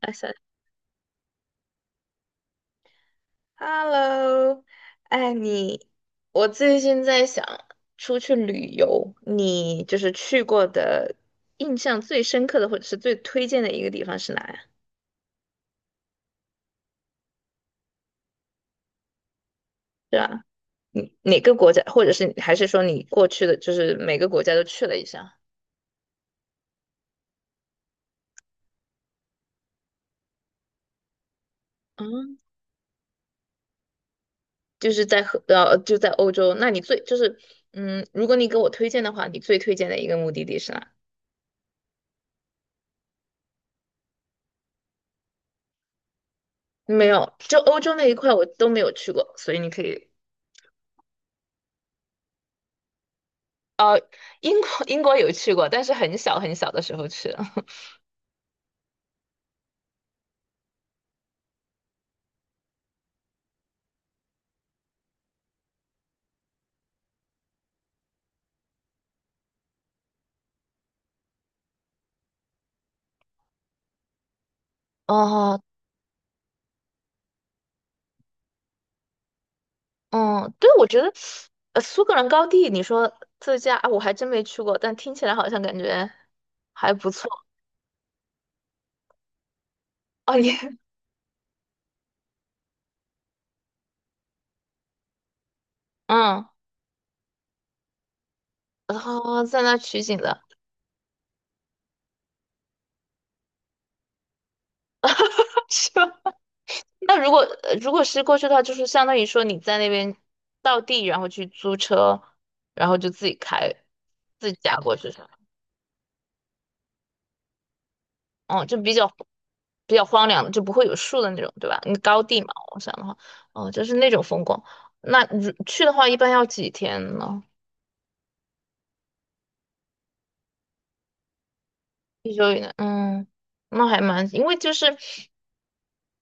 哎三 Hello，哎你，我最近在想出去旅游，你就是去过的印象最深刻的或者是最推荐的一个地方是哪呀？是吧？你哪个国家，或者是还是说你过去的就是每个国家都去了一下？嗯，就是在就在欧洲，那你最就是嗯，如果你给我推荐的话，你最推荐的一个目的地是哪？没有，就欧洲那一块我都没有去过，所以你可以。英国 英国有去过，但是很小很小的时候去了。哦，嗯，对，我觉得，苏格兰高地，你说自驾，啊我还真没去过，但听起来好像感觉还不错。哦，你 嗯，然后在那取景的。是吧？那如果是过去的话，就是相当于说你在那边到地，然后去租车，然后就自己开，自己驾过去。是吧？哦，就比较荒凉的，就不会有树的那种，对吧？那高地嘛，我想的话，哦，就是那种风光。那如去的话，一般要几天呢？一周以内，嗯，那还蛮，因为就是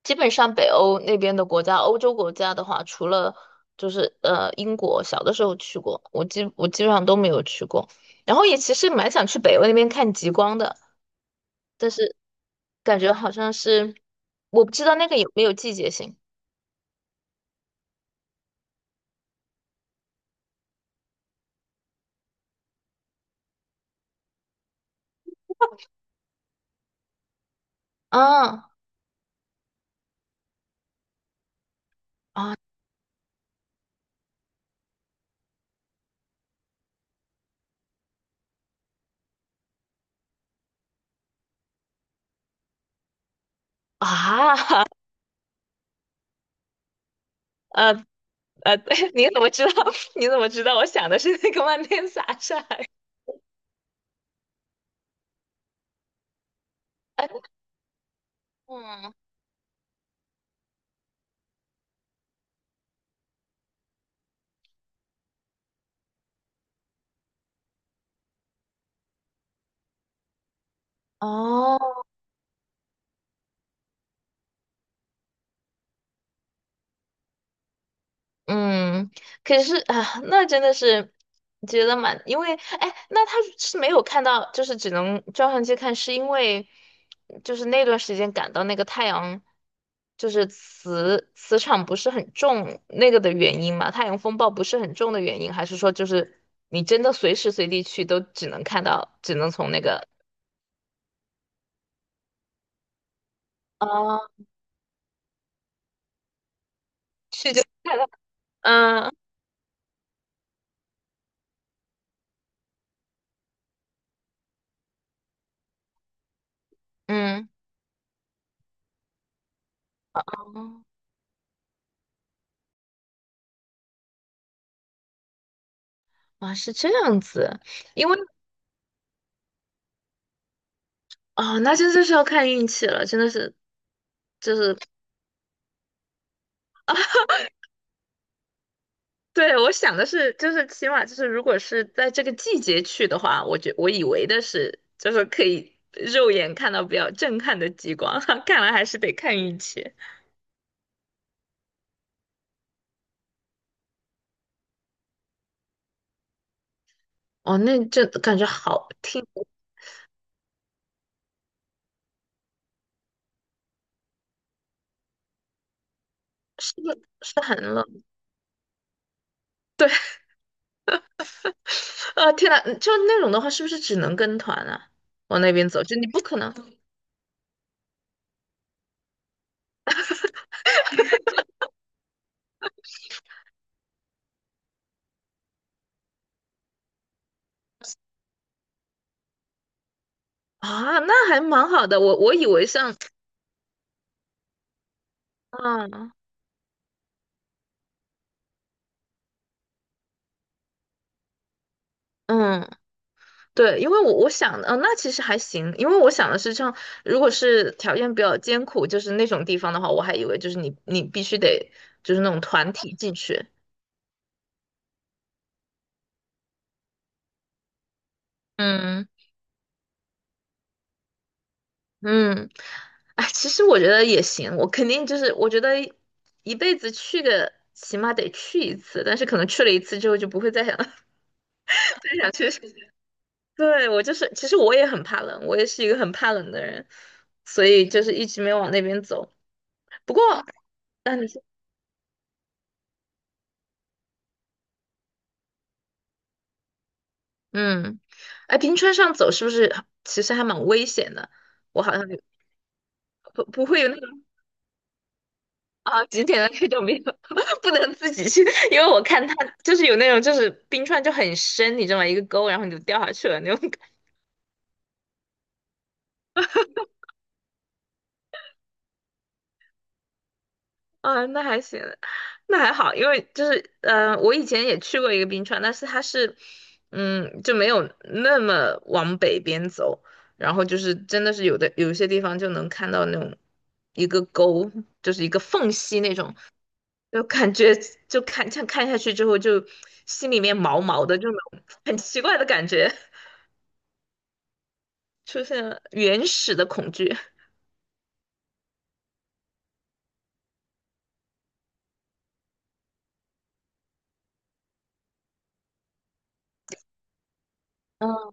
基本上北欧那边的国家，欧洲国家的话，除了就是英国，小的时候去过，我基本上都没有去过。然后也其实蛮想去北欧那边看极光的，但是感觉好像是我不知道那个有没有季节性啊。啊，啊，呃对，你怎么知道？你怎么知道？我想的是那个万年洒晒 嗯，哦，嗯，可是啊，那真的是觉得蛮，因为哎，那他是没有看到，就是只能照相机看，是因为就是那段时间感到那个太阳就是磁场不是很重那个的原因嘛，太阳风暴不是很重的原因，还是说就是你真的随时随地去都只能看到，只能从那个。哦，去就快乐。嗯嗯，哦，哇，是这样子，因为 哦，那真的是要看运气了，真的是，就是对我想的是，就是起码就是如果是在这个季节去的话，我以为的是就是可以肉眼看到比较震撼的极光，看来还是得看运气。哦，那这感觉好听，是不是很冷？啊，天呐，就那种的话，是不是只能跟团啊？往那边走，就你不可能。啊，那还蛮好的。我以为像，啊，嗯，对，因为我想的，嗯、那其实还行，因为我想的是像，如果是条件比较艰苦，就是那种地方的话，我还以为就是你必须得就是那种团体进去，嗯嗯，哎，其实我觉得也行，我肯定就是我觉得一辈子去个起码得去一次，但是可能去了一次之后就不会再想 再想去，对，我就是，其实我也很怕冷，我也是一个很怕冷的人，所以就是一直没往那边走。不过，那你说嗯，哎，冰川上走是不是其实还蛮危险的？我好像不会有那种啊几点的那种没有，不能自己去，因为我看他就是有那种就是冰川就很深，你知道吗？一个沟，然后你就掉下去了那种。啊，那还行，那还好，因为就是，我以前也去过一个冰川，但是它是，就没有那么往北边走，然后就是真的是有一些地方就能看到那种一个沟，就是一个缝隙那种，就感觉就看像看下去之后就心里面毛毛的，就那种很奇怪的感觉，出现了原始的恐惧。嗯，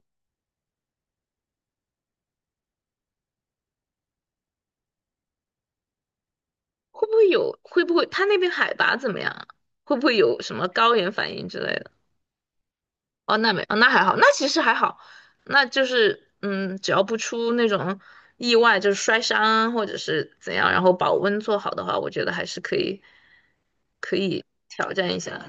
会不会有？会不会它那边海拔怎么样啊，会不会有什么高原反应之类的？哦，那没，哦，那还好，那其实还好，那就是，只要不出那种意外，就是摔伤啊或者是怎样，然后保温做好的话，我觉得还是可以挑战一下。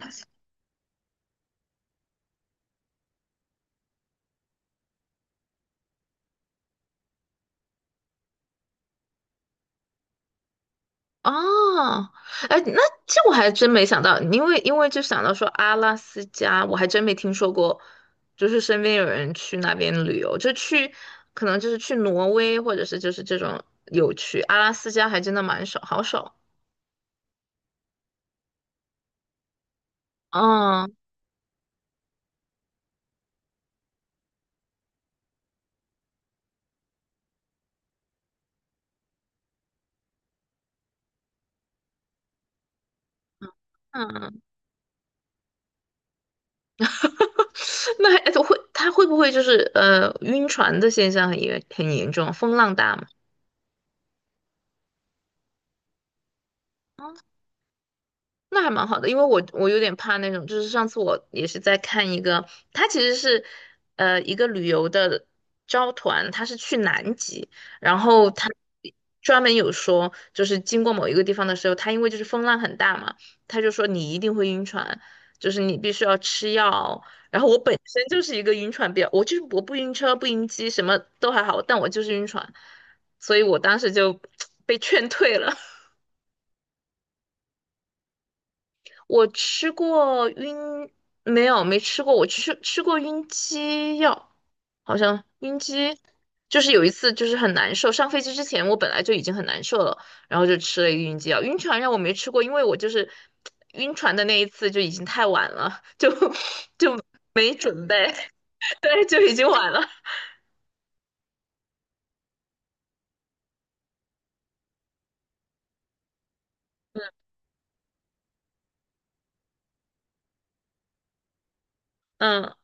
哦，哎，那这我还真没想到，因为就想到说阿拉斯加，我还真没听说过，就是身边有人去那边旅游，就去，可能就是去挪威或者是就是这种有去，阿拉斯加还真的蛮少，好少。哦，嗯 那还会他会不会就是晕船的现象也很严重，风浪大吗？那还蛮好的，因为我有点怕那种，就是上次我也是在看一个，他其实是一个旅游的招团，他是去南极，然后他专门有说，就是经过某一个地方的时候，他因为就是风浪很大嘛，他就说你一定会晕船，就是你必须要吃药。然后我本身就是一个晕船比较，我就是我不晕车不晕机什么都还好，但我就是晕船，所以我当时就 被劝退了。我吃过晕，没有，没吃过。我吃过晕机药，好像晕机就是有一次就是很难受。上飞机之前我本来就已经很难受了，然后就吃了一个晕机药。晕船药我没吃过，因为我就是晕船的那一次就已经太晚了，就 就没准备，对，就已经晚了。嗯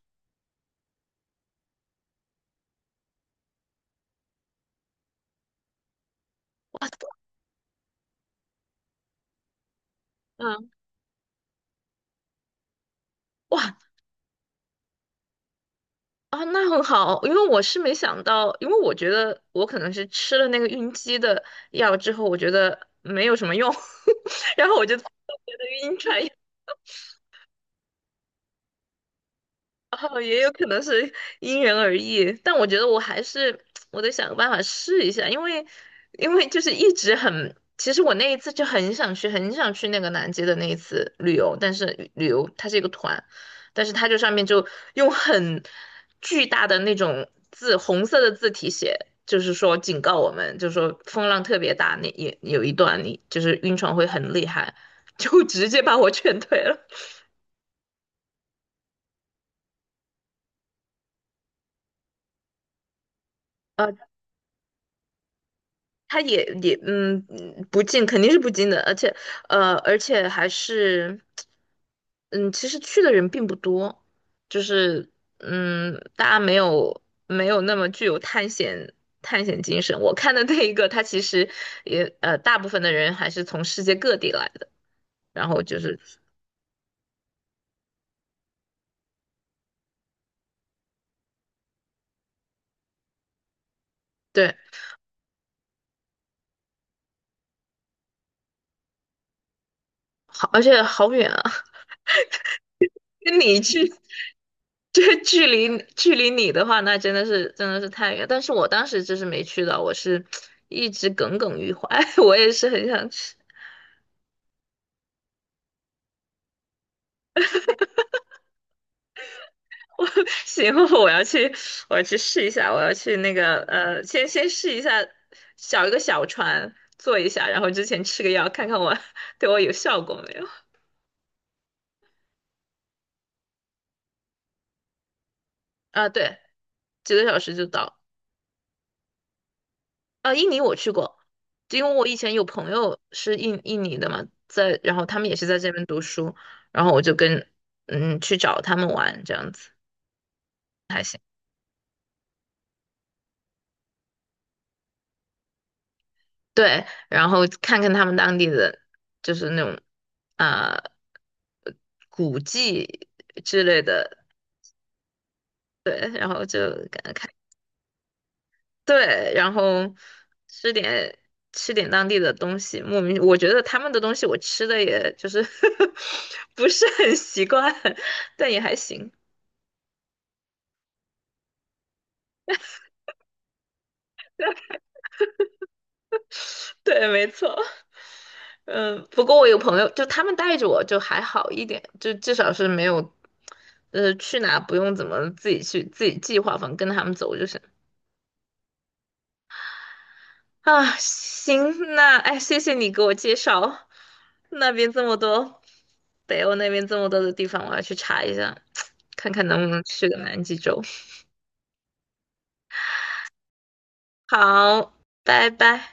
嗯，哇，啊，那很好，因为我是没想到，因为我觉得我可能是吃了那个晕机的药之后，我觉得没有什么用，然后我就做别的晕船药，哦，也有可能是因人而异，但我觉得我还是 我得想个办法试一下，因为就是一直很，其实我那一次就很想去，很想去那个南极的那一次旅游，但是旅游它是一个团，但是它就上面就用很巨大的那种字，红色的字体写，就是说警告我们，就是说风浪特别大，那也有一段你就是晕船会很厉害，就直接把我劝退了。他也不进，肯定是不进的，而且还是嗯，其实去的人并不多，就是大家没有那么具有探险精神。我看的那一个，他其实也大部分的人还是从世界各地来的，然后就是对，好而且好远啊。跟你去，这距离你的话，那真的是真的是太远。但是我当时就是没去到，我是一直耿耿于怀。我也是很想去，我行，我要去，我要去试一下，我要去那个先试一下，一个小船坐一下，然后之前吃个药，看看我 对我有效果没有。啊，对，几个小时就到啊，印尼我去过，因为我以前有朋友是印尼的嘛，在，然后他们也是在这边读书，然后我就跟去找他们玩这样子，还行。对，然后看看他们当地的就是那种啊、呃古迹之类的，对，然后就感看。对，然后吃点吃点当地的东西，莫名我觉得他们的东西我吃的也就是 不是很习惯，但也还行。对，没错。嗯，不过我有朋友，就他们带着我就还好一点，就至少是没有，去哪不用怎么自己去自己计划，反正跟着他们走就行。啊，行，那哎，谢谢你给我介绍那边这么多，北欧那边这么多的地方，我要去查一下，看看能不能去个南极洲。好，拜拜。